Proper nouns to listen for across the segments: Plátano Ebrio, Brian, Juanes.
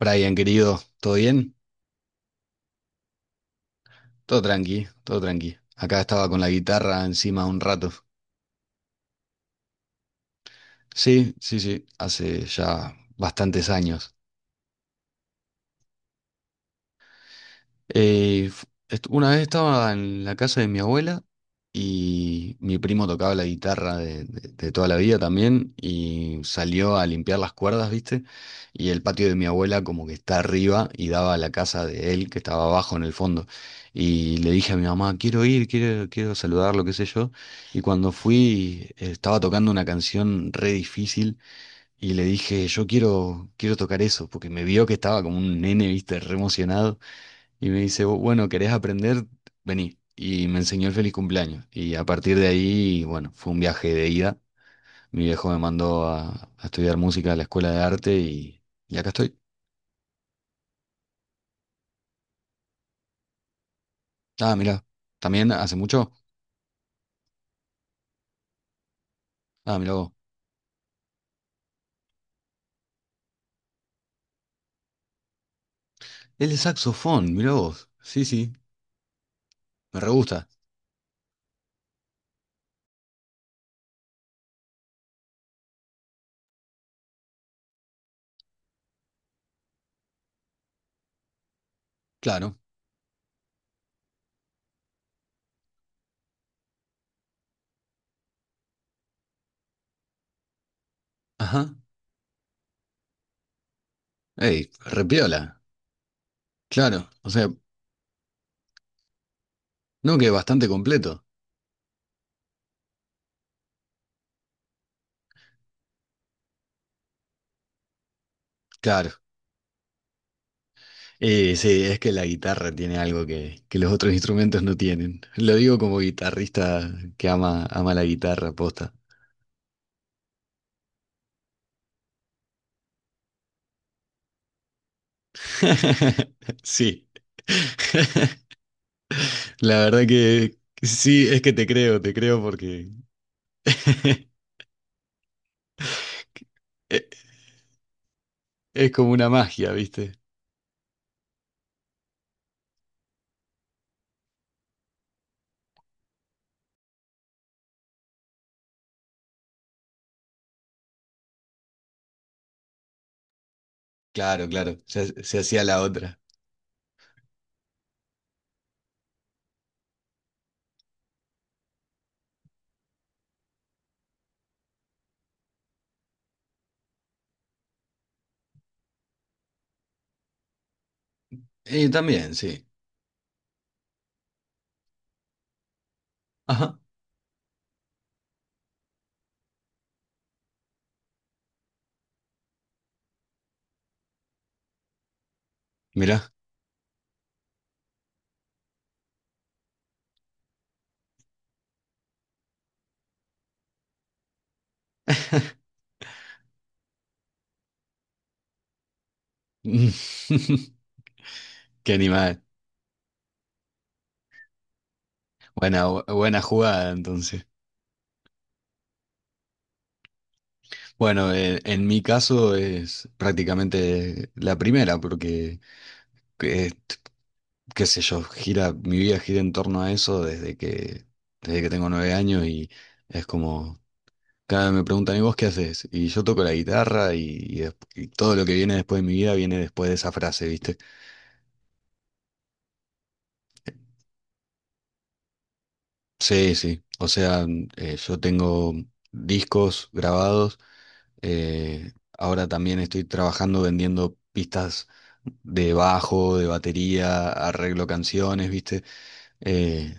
Brian, querido, ¿todo bien? Todo tranqui, todo tranqui. Acá estaba con la guitarra encima un rato. Sí, sí, sí, hace ya bastantes años. Una vez estaba en la casa de mi abuela y mi primo tocaba la guitarra de toda la vida también y salió a limpiar las cuerdas, ¿viste? Y el patio de mi abuela como que está arriba y daba a la casa de él que estaba abajo en el fondo. Y le dije a mi mamá, quiero ir, quiero saludarlo, qué sé yo. Y cuando fui estaba tocando una canción re difícil y le dije, yo quiero tocar eso, porque me vio que estaba como un nene, ¿viste? Re emocionado. Y me dice, "Bueno, ¿querés aprender? Vení. Y me enseñó el feliz cumpleaños. Y a partir de ahí, bueno, fue un viaje de ida. Mi viejo me mandó a estudiar música a la escuela de arte y acá estoy. Ah, mirá. ¿También hace mucho? Ah, mirá vos. Es de saxofón, mirá vos. Sí, sí, me re gusta. Claro. Ajá. Ey, repiola. Claro. O sea, no que bastante completo. Claro. Sí, es que la guitarra tiene algo que los otros instrumentos no tienen. Lo digo como guitarrista que ama, ama la guitarra, posta. Sí. La verdad que sí, es que te creo porque e- es como una magia, ¿viste? Claro, claro, se hacía la otra. Y también, sí. Ajá, mirá. Qué animal. Buena, buena jugada, entonces. Bueno, en mi caso es prácticamente la primera, porque, que- qué sé yo, gira, mi vida gira en torno a eso desde que tengo 9 años y es como, cada vez me preguntan, ¿y vos qué haces? Y yo toco la guitarra y todo lo que viene después de mi vida viene después de esa frase, ¿viste? Sí, sí, o sea, yo tengo discos grabados. Eh, ahora también estoy trabajando vendiendo pistas de bajo, de batería, arreglo canciones, ¿viste? Eh,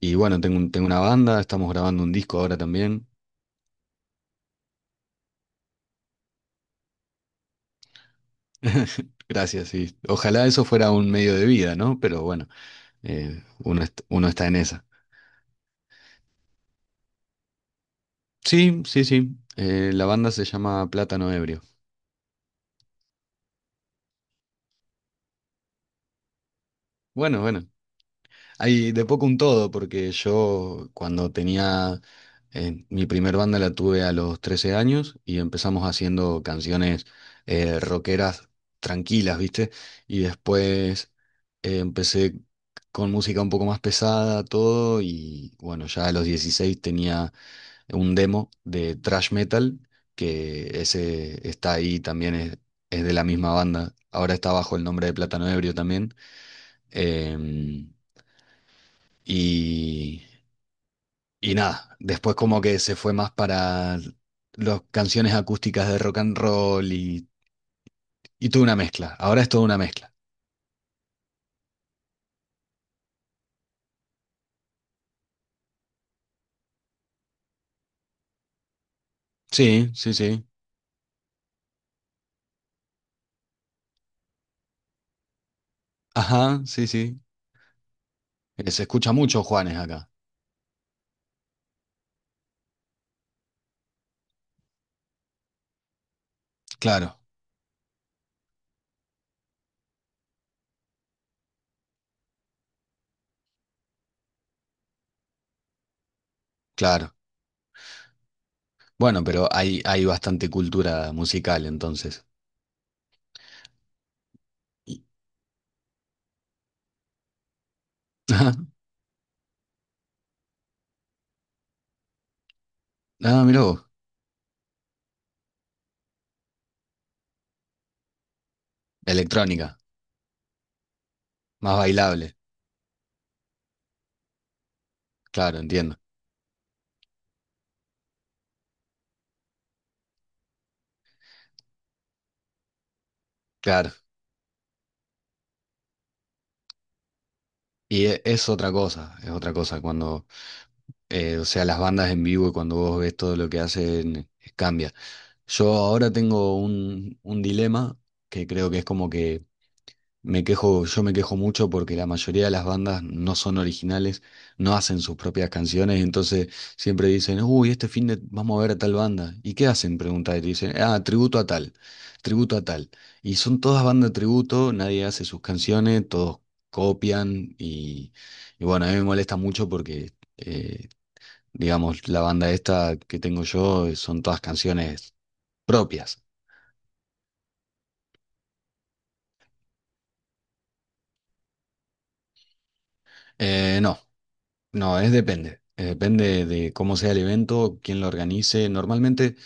y bueno, tengo una banda, estamos grabando un disco ahora también. Gracias, sí. Ojalá eso fuera un medio de vida, ¿no? Pero bueno, uno está en esa. Sí, sí, sí. La banda se llama Plátano Ebrio. Bueno, bueno. Hay de poco un todo, porque yo cuando tenía mi primer banda la tuve a los 13 años y empezamos haciendo canciones rockeras tranquilas, ¿viste? Y después empecé con música un poco más pesada, todo, y bueno, ya a los 16 tenía un demo de thrash metal, que ese está ahí también, es de la misma banda. Ahora está bajo el nombre de Plátano Ebrio también. Em, y, y nada, después como que se fue más para las canciones acústicas de rock and roll y tuve una mezcla. Ahora es toda una mezcla. Sí, sí, sí. Ajá, sí, sí. Se escucha mucho Juanes acá. Claro, claro. Bueno, pero hay bastante cultura musical entonces. Y- Ajá. Ah, mirá vos. Electrónica, más bailable. Claro, entiendo. Claro. Y es otra cosa, es otra cosa cuando o sea, las bandas en vivo, cuando vos ves todo lo que hacen, cambia. Yo ahora tengo un dilema que creo que es como que me quejo, yo me quejo mucho porque la mayoría de las bandas no son originales, no hacen sus propias canciones, entonces siempre dicen, uy, este fin de vamos a ver a tal banda. ¿Y qué hacen? Pregunta y te dicen, ah, tributo a tal, tributo a tal. Y son todas bandas tributo, nadie hace sus canciones, todos copian y bueno, a mí me molesta mucho porque, digamos, la banda esta que tengo yo, son todas canciones propias. No, no, es depende. Depende de cómo sea el evento, quién lo organice. Normalmente,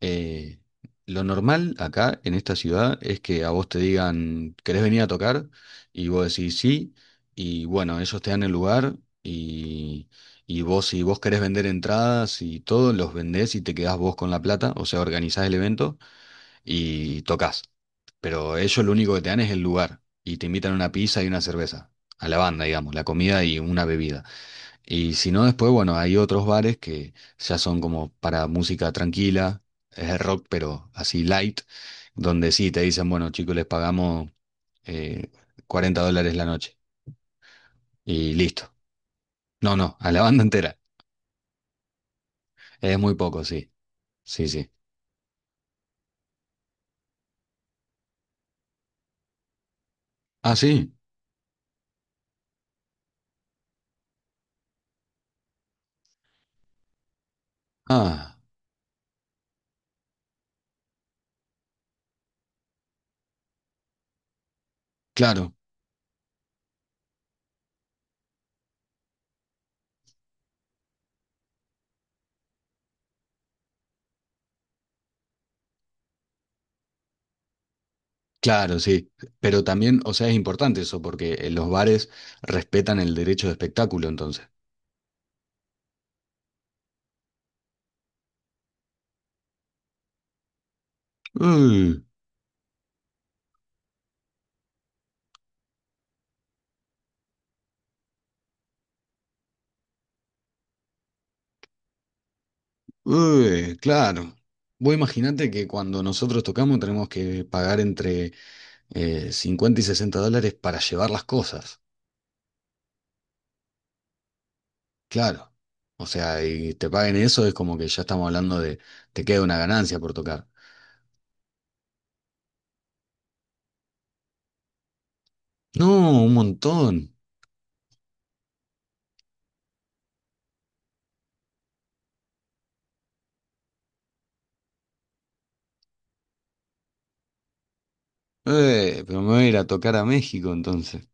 eh, lo normal acá en esta ciudad es que a vos te digan, ¿querés venir a tocar? Y vos decís sí, y bueno, ellos te dan el lugar y, y vos si vos querés vender entradas y todo, los vendés y te quedás vos con la plata, o sea, organizás el evento. Y tocas. Pero ellos lo único que te dan es el lugar y te invitan una pizza y una cerveza, a la banda, digamos, la comida y una bebida. Y si no, después, bueno, hay otros bares que ya son como para música tranquila, es rock, pero así light, donde sí te dicen, bueno, chicos, les pagamos eh, $40 la noche y listo. No, no, a la banda entera. Es muy poco, sí. Sí, sí. Ah, sí. Ah, claro. Claro, sí, pero también, o sea, es importante eso porque los bares respetan el derecho de espectáculo, entonces. Uy, uy, claro. Vos imaginate que cuando nosotros tocamos tenemos que pagar entre 50 y $60 para llevar las cosas, claro. O sea, y te paguen eso es como que ya estamos hablando de te queda una ganancia por tocar. No, un montón. Pero me voy a ir a tocar a México entonces.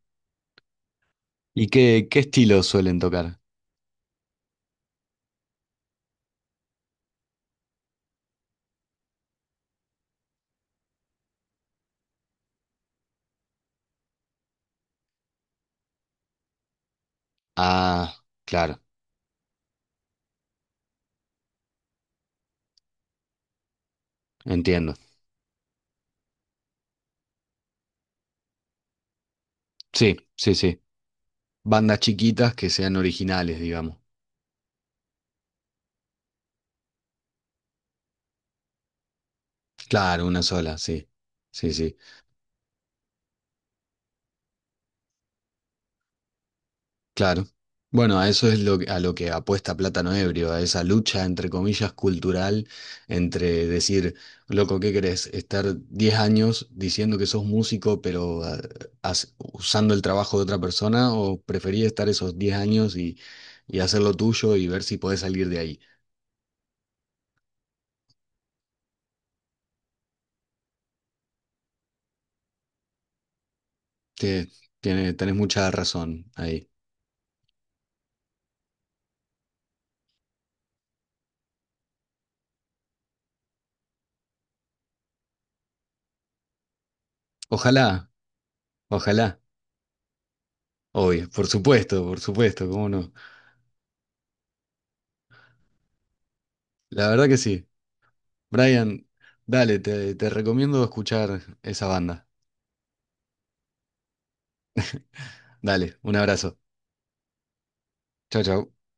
¿Y qué estilo suelen tocar? Ah, claro. Entiendo. Sí, sí, sí. Bandas chiquitas que sean originales, digamos. Claro, una sola, sí. Sí, sí. Claro. Bueno, a eso es a lo que apuesta Plátano Ebrio, a esa lucha, entre comillas, cultural, entre decir, loco, ¿qué querés? Estar 10 años diciendo que sos músico, pero usando el trabajo de otra persona, o preferís estar esos 10 años y hacer lo tuyo y ver si podés salir de ahí. Te- tenés mucha razón ahí. Ojalá, ojalá. Obvio, por supuesto, cómo no. La verdad que sí. Brian, dale, te recomiendo escuchar esa banda. Dale, un abrazo. Chau, chau.